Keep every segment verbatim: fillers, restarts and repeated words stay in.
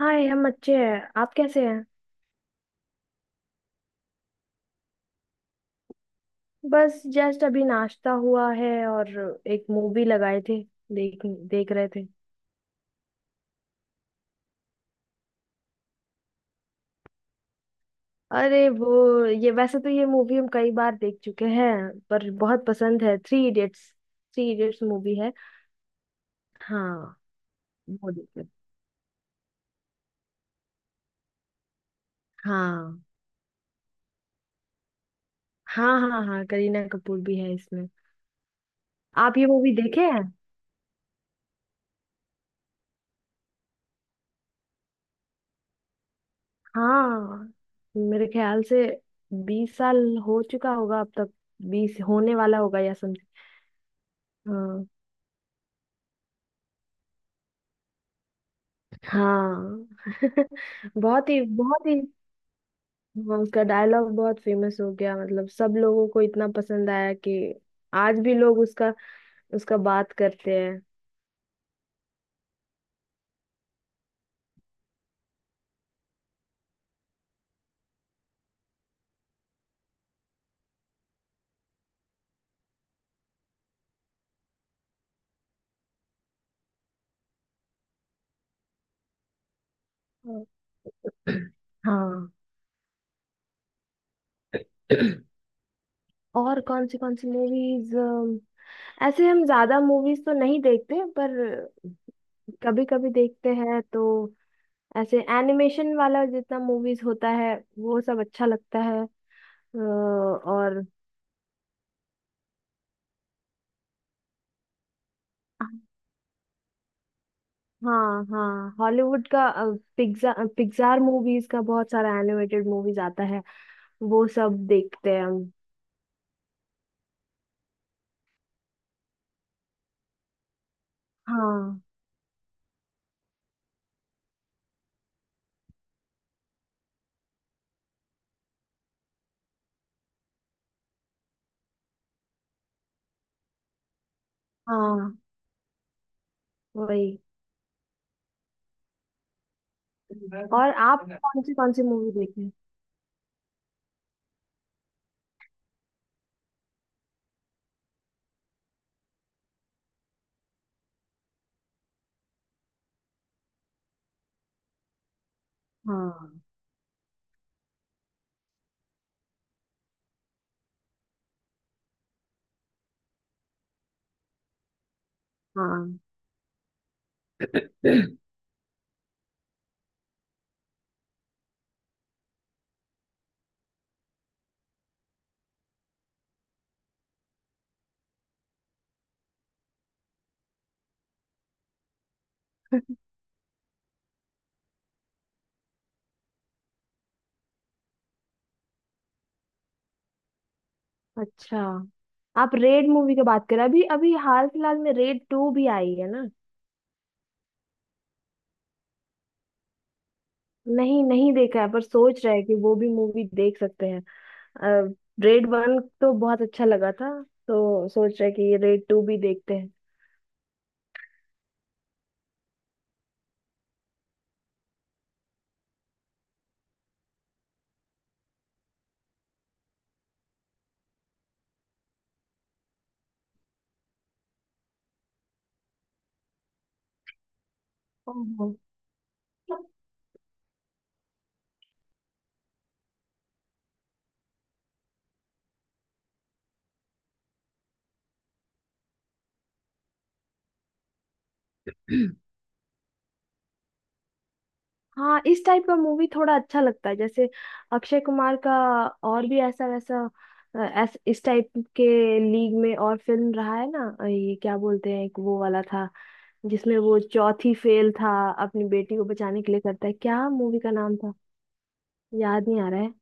हाय हम अच्छे हैं। आप कैसे हैं? बस जस्ट अभी नाश्ता हुआ है और एक मूवी लगाए थे। देख देख रहे थे। अरे वो ये वैसे तो ये मूवी हम कई बार देख चुके हैं, पर बहुत पसंद है। Three Idiots, Three Idiots movie है। हाँ वो देखे। हाँ हाँ हाँ हाँ करीना कपूर भी है इसमें। आप ये मूवी देखे हैं? हाँ, मेरे ख्याल से बीस साल हो चुका होगा अब तक। बीस होने वाला होगा या समथिंग। हाँ। हाँ बहुत ही बहुत ही। हाँ, उसका डायलॉग बहुत फेमस हो गया, मतलब सब लोगों को इतना पसंद आया कि आज भी लोग उसका उसका बात करते हैं। हाँ। हाँ। और कौन सी कौन सी मूवीज, ऐसे हम ज्यादा मूवीज तो नहीं देखते पर कभी कभी देखते हैं तो ऐसे एनिमेशन वाला जितना मूवीज होता है वो सब अच्छा लगता है। अ, और हाँ हाँ हॉलीवुड का पिक्सा पिक्सार मूवीज का बहुत सारा एनिमेटेड मूवीज आता है, वो सब देखते हैं हम। हाँ हाँ वही। और आप कौन सी कौन सी मूवी देखे हैं? हाँ हाँ अच्छा, आप रेड मूवी की बात करें, अभी अभी हाल फिलहाल में रेड टू भी आई है ना। नहीं नहीं देखा है पर सोच रहे हैं कि वो भी मूवी देख सकते हैं। रेड वन तो बहुत अच्छा लगा था, तो सोच रहे हैं कि रेड टू भी देखते हैं। ओहो। हाँ इस टाइप का मूवी थोड़ा अच्छा लगता है जैसे अक्षय कुमार का, और भी ऐसा वैसा अ, ऐस, इस टाइप के लीग में और फिल्म रहा है ना। अ, ये क्या बोलते हैं, एक वो वाला था जिसमें वो चौथी फेल था, अपनी बेटी को बचाने के लिए करता है। क्या मूवी का नाम था, याद नहीं आ रहा है।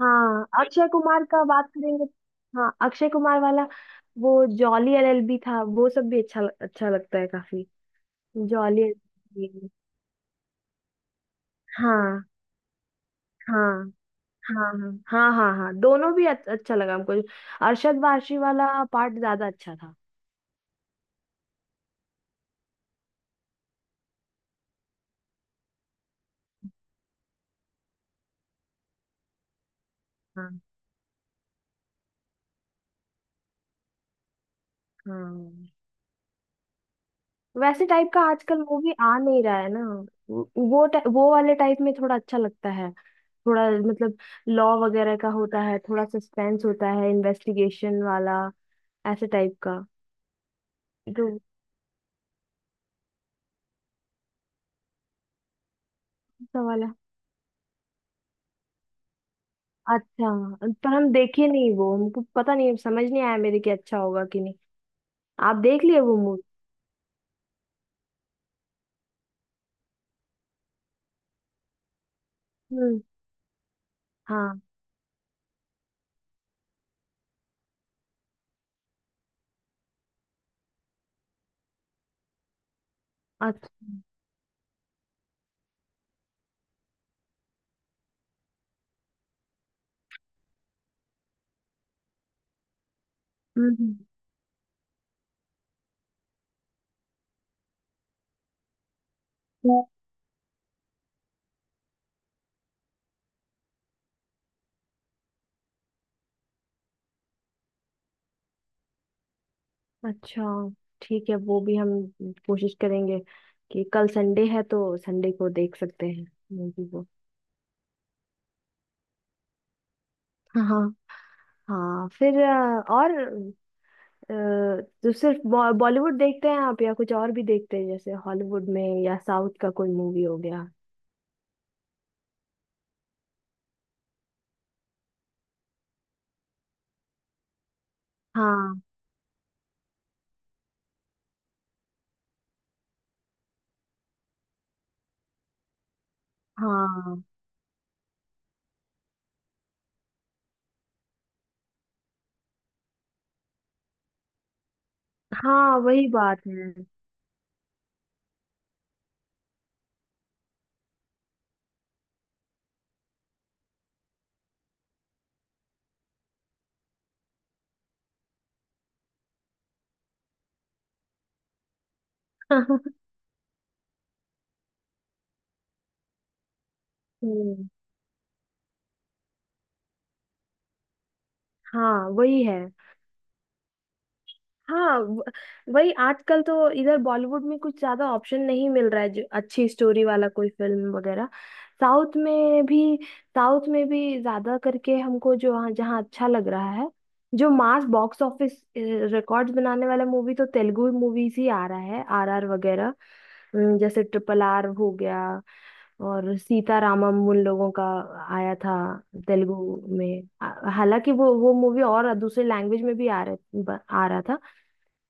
हाँ अक्षय कुमार का बात करेंगे। हाँ अक्षय कुमार वाला, वो जॉली एलएलबी था, वो सब भी अच्छा अच्छा लगता है काफी। जॉली एलएलबी हाँ। हाँ हाँ हाँ हाँ हाँ हाँ, दोनों भी अच्छ- अच्छा लगा हमको। अरशद वारसी वाला पार्ट ज्यादा अच्छा था। हाँ हाँ। वैसे टाइप का आजकल मूवी आ नहीं रहा है ना। वो वो टा- वो वाले टाइप में थोड़ा अच्छा लगता है। थोड़ा मतलब लॉ वगैरह का होता है, थोड़ा सस्पेंस होता है, इन्वेस्टिगेशन वाला ऐसे टाइप का। जो ऐसा वाला अच्छा। पर हम देखे नहीं वो, हमको पता नहीं, समझ नहीं आया मेरे कि अच्छा होगा कि नहीं। आप देख लिए वो मूवी? हम्म। हाँ। अच्छा। हम्म हम्म। अच्छा ठीक है वो भी हम कोशिश करेंगे कि कल संडे है तो संडे को देख सकते हैं मूवी वो। हाँ हाँ फिर अ, और अ, तो सिर्फ बॉ- बॉलीवुड देखते हैं आप या कुछ और भी देखते हैं, जैसे हॉलीवुड में या साउथ का कोई मूवी हो गया? हाँ हाँ हाँ वही बात है। हम्म। हाँ वही है। हाँ व- वही आजकल तो इधर बॉलीवुड में कुछ ज्यादा ऑप्शन नहीं मिल रहा है, जो अच्छी स्टोरी वाला कोई फिल्म वगैरह। साउथ में भी, साउथ में भी ज्यादा करके हमको जो हाँ, जहाँ अच्छा लग रहा है, जो मास बॉक्स ऑफिस रिकॉर्ड्स बनाने वाला मूवी तो तेलुगु मूवीज ही आ रहा है आरआर वगैरह। अम, जैसे ट्रिपल आर हो गया, और सीतारामम उन लोगों का आया था तेलुगु में। आ- हालांकि वो वो मूवी और दूसरे लैंग्वेज में भी आ रहा आ रहा था,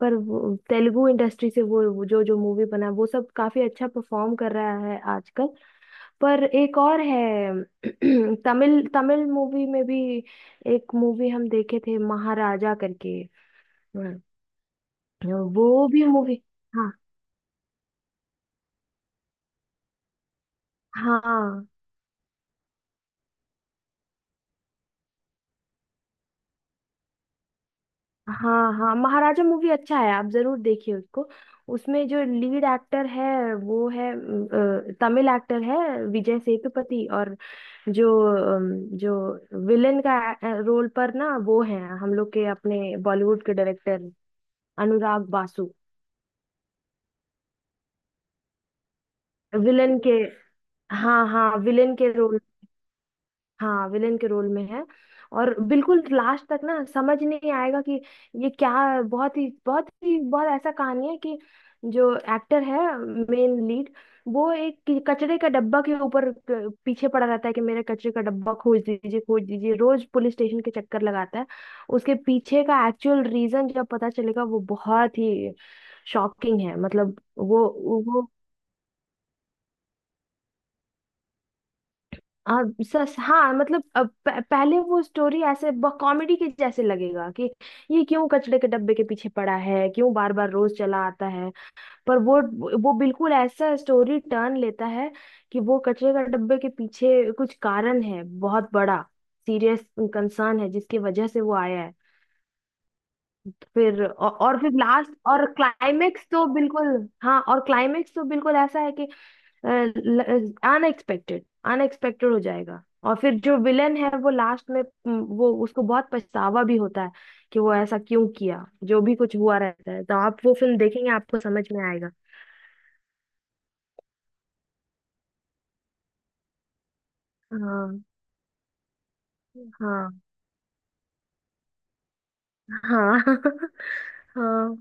पर वो तेलुगु इंडस्ट्री से वो वो जो जो मूवी बना वो सब काफी अच्छा परफॉर्म कर रहा है आजकल। पर एक और है। तमिल तमिल मूवी में भी एक मूवी हम देखे थे, महाराजा करके। हम्म, वो भी मूवी। हाँ हाँ। हाँ हाँ महाराजा मूवी अच्छा है, आप जरूर देखिए उसको। उसमें जो लीड एक्टर है वो है अम, अ, तमिल एक्टर है, विजय सेतुपति। और जो अम, जो विलेन का रोल पर ना, वो है हम लोग के अपने बॉलीवुड के डायरेक्टर अनुराग बासु। विलेन के, हाँ हाँ विलेन के रोल, हाँ विलेन के रोल में है। और बिल्कुल लास्ट तक ना समझ नहीं आएगा कि ये क्या, बहुत ही बहुत ही बहुत ऐसा कहानी है कि जो एक्टर है मेन लीड, वो एक कि- कचरे का डब्बा के ऊपर क- पीछे पड़ा रहता है कि मेरे कचरे का डब्बा खोज दीजिए खोज दीजिए, रोज पुलिस स्टेशन के चक्कर लगाता है। उसके पीछे का एक्चुअल रीजन जब पता चलेगा वो बहुत ही शॉकिंग है, मतलब वो। वो हाँ सस हाँ मतलब अब प- पहले वो स्टोरी ऐसे कॉमेडी के जैसे लगेगा कि ये क्यों कचड़े के डब्बे के पीछे पड़ा है, क्यों बार बार रोज चला आता है। पर वो वो बिल्कुल ऐसा स्टोरी टर्न लेता है कि वो कचड़े का डब्बे के पीछे कुछ कारण है, बहुत बड़ा सीरियस कंसर्न है जिसकी वजह से वो आया है। फिर औ, और फिर लास्ट और क्लाइमेक्स तो बिल्कुल, हाँ और क्लाइमेक्स तो बिल्कुल ऐसा है कि अनएक्सपेक्टेड, अनएक्सपेक्टेड हो जाएगा। और फिर जो विलेन है वो लास्ट में उम, वो उसको बहुत पछतावा भी होता है कि वो ऐसा क्यों किया जो भी कुछ हुआ रहता है। तो आप वो फिल्म देखेंगे आपको समझ में आएगा। हाँ हाँ हाँ हाँ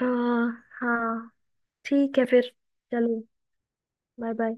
हाँ हाँ ठीक है फिर चलो। Bye bye.